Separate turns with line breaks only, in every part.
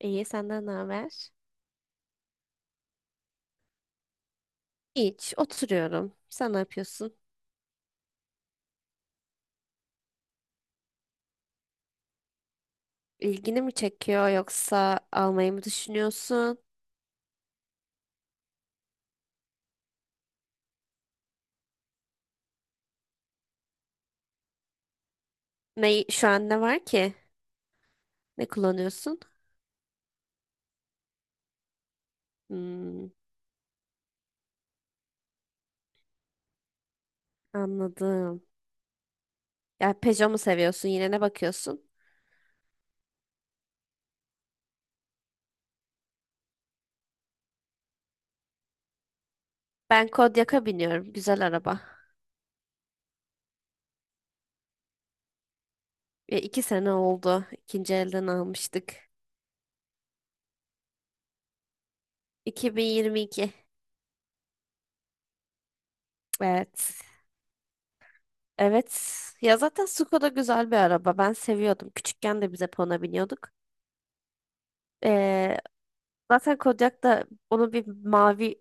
İyi, senden ne haber? Hiç, oturuyorum. Sen ne yapıyorsun? İlgini mi çekiyor yoksa almayı mı düşünüyorsun? Ne, şu an ne var ki? Ne kullanıyorsun? Hmm, anladım. Ya Peugeot mu seviyorsun? Yine ne bakıyorsun? Ben Kodiaq'a biniyorum. Güzel araba. Ya, iki sene oldu. İkinci elden almıştık. 2022. Evet. Evet. Ya zaten Skoda güzel bir araba. Ben seviyordum. Küçükken de bize Pona biniyorduk. Ee, Zaten Kodiak'ta onun bir mavi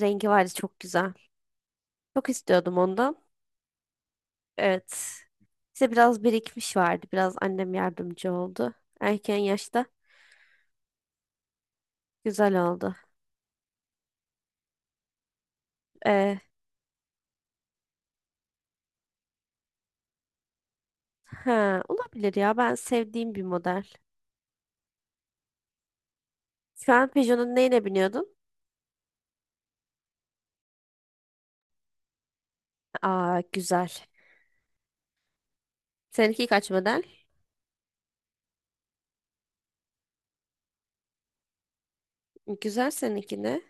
rengi vardı, çok güzel. Çok istiyordum ondan. Evet. İşte biraz birikmiş vardı. Biraz annem yardımcı oldu. Erken yaşta güzel oldu. Ee, ha, olabilir ya. Ben sevdiğim bir model. Şu an Peugeot'un neyine biniyordun? Aa, güzel. Seninki kaç model? Güzel, seninki ne?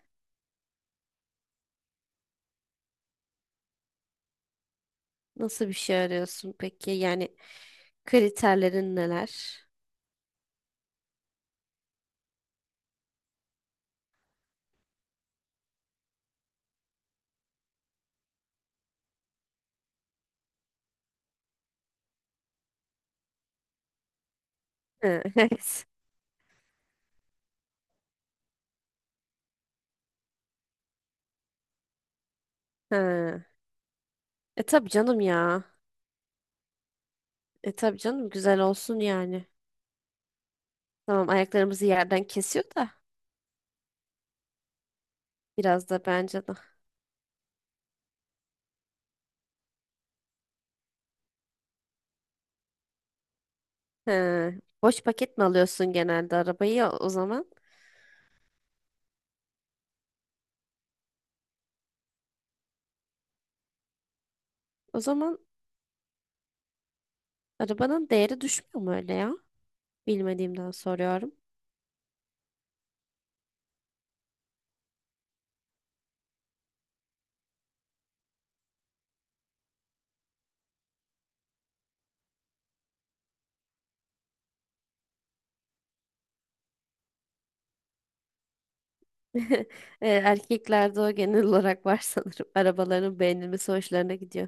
Nasıl bir şey arıyorsun peki? Yani kriterlerin neler? Ha, evet. Ha. E tabii canım ya. E tabii canım, güzel olsun yani. Tamam, ayaklarımızı yerden kesiyor da biraz da, bence de. He. Boş paket mi alıyorsun genelde arabayı ya o zaman? O zaman arabanın değeri düşmüyor mu öyle ya? Bilmediğimden soruyorum. E, erkeklerde o genel olarak var sanırım. Arabaların beğenilmesi hoşlarına gidiyor.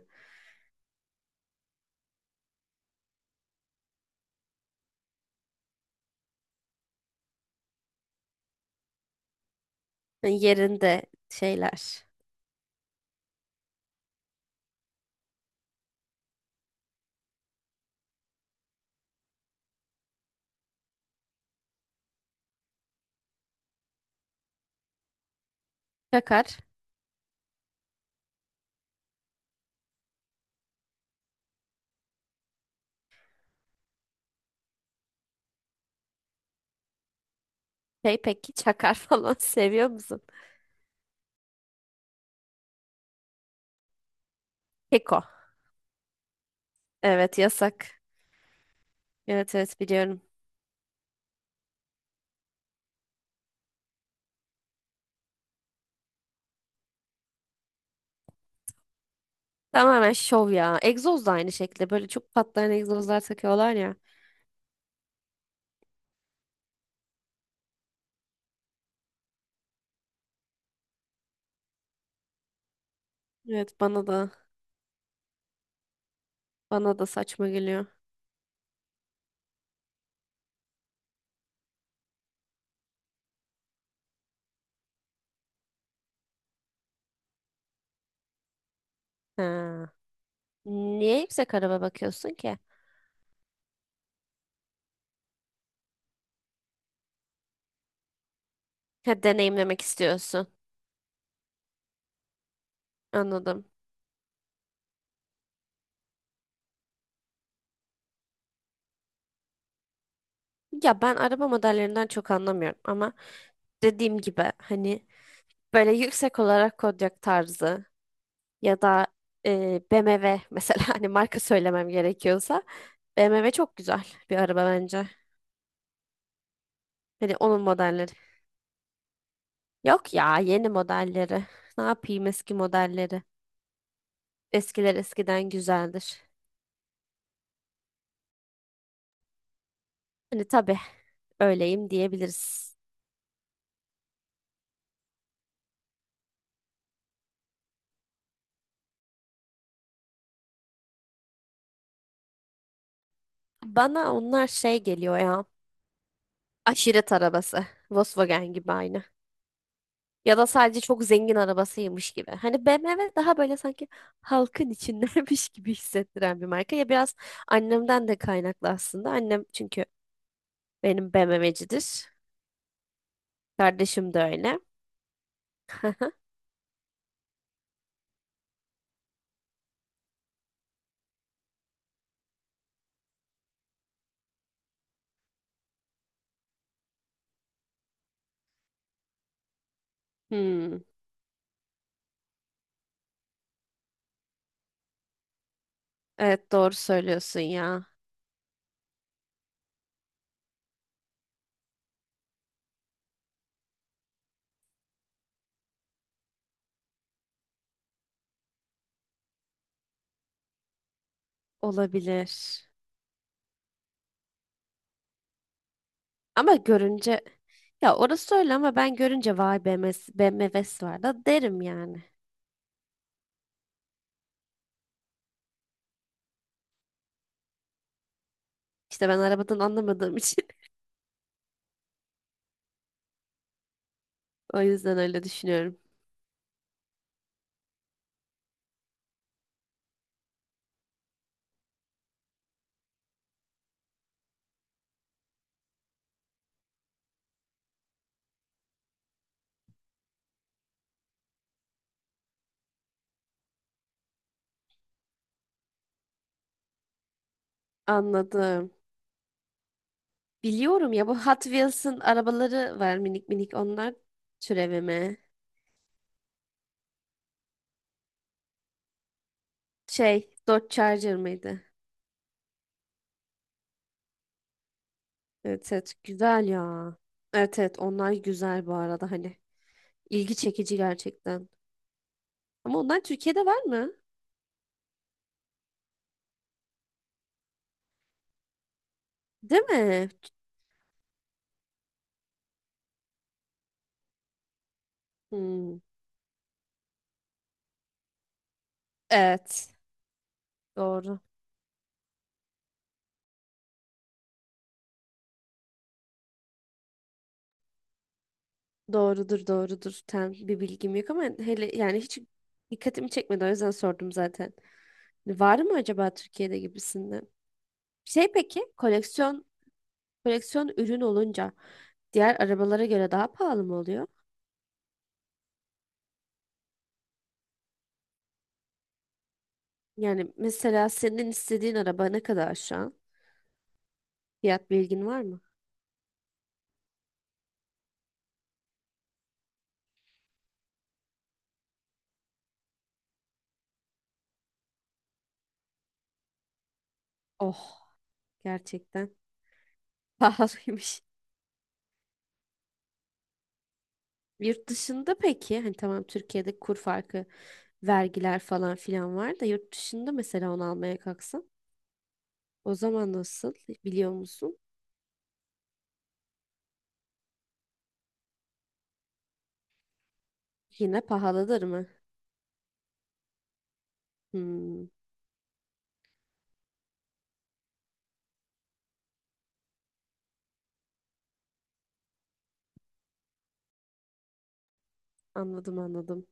Yani yerinde şeyler. Çakar. Şey, peki çakar falan seviyor musun? Keko. Evet, yasak. Evet, evet, biliyorum. Tamamen şov ya. Egzoz da aynı şekilde. Böyle çok patlayan egzozlar takıyorlar ya. Evet, bana da saçma geliyor. Ha. Niye yüksek araba bakıyorsun ki? Ha, deneyimlemek istiyorsun. Anladım. Ya ben araba modellerinden çok anlamıyorum ama dediğim gibi hani böyle yüksek olarak Kodiaq tarzı ya da BMW mesela, hani marka söylemem gerekiyorsa BMW çok güzel bir araba bence. Hani onun modelleri. Yok ya, yeni modelleri. Ne yapayım eski modelleri? Eskiler eskiden güzeldir. Hani tabii, öyleyim diyebiliriz. Bana onlar şey geliyor ya. Aşiret arabası. Volkswagen gibi aynı. Ya da sadece çok zengin arabasıymış gibi. Hani BMW daha böyle sanki halkın içindeymiş gibi hissettiren bir marka. Ya biraz annemden de kaynaklı aslında. Annem çünkü benim BMW'cidir. Kardeşim de öyle. Hmm, evet, doğru söylüyorsun ya. Olabilir. Ama görünce, ya orası öyle ama ben görünce vay BMW'si var da derim yani. İşte ben arabadan anlamadığım için o yüzden öyle düşünüyorum. Anladım. Biliyorum ya, bu Hot Wheels'ın arabaları var, minik minik onlar, türevi mi? Şey, Dodge Charger mıydı? Evet, evet, güzel ya. Evet, evet, onlar güzel bu arada, hani ilgi çekici gerçekten. Ama onlar Türkiye'de var mı? Değil mi? Hmm, evet doğru. Doğrudur, doğrudur. Tam bir bilgim yok ama hele yani hiç dikkatimi çekmedi, o yüzden sordum zaten. Var mı acaba Türkiye'de gibisinden? Şey, peki koleksiyon ürün olunca diğer arabalara göre daha pahalı mı oluyor? Yani mesela senin istediğin araba ne kadar şu an? Fiyat bilgin var mı? Oh, gerçekten pahalıymış. Yurt dışında peki, hani tamam Türkiye'de kur farkı, vergiler falan filan var da yurt dışında mesela onu almaya kalksan? O zaman nasıl, biliyor musun? Yine pahalıdır mı? Hmm, anladım anladım.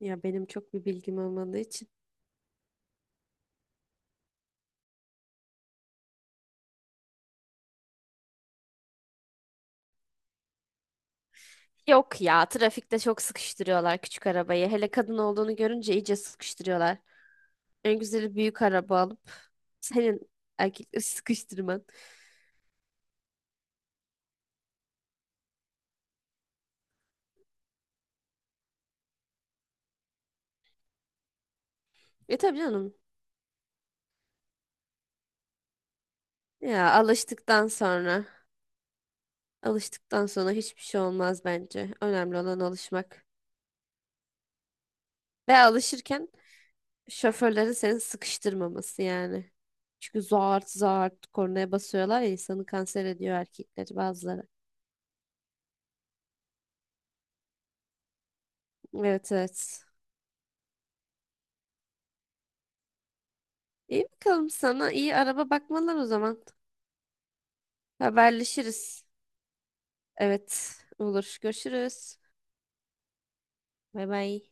Ya benim çok bir bilgim olmadığı için. Yok ya, trafikte çok sıkıştırıyorlar küçük arabayı. Hele kadın olduğunu görünce iyice sıkıştırıyorlar. En güzeli büyük araba alıp senin erkekleri sıkıştırman. E tabii canım. Ya alıştıktan sonra hiçbir şey olmaz bence. Önemli olan alışmak. Ve alışırken şoförlerin seni sıkıştırmaması yani. Çünkü zart zart kornaya basıyorlar ya, insanı kanser ediyor erkekleri bazıları. Evet, evet. İyi, bakalım, sana iyi araba bakmalar o zaman. Haberleşiriz. Evet, olur. Görüşürüz. Bay bay.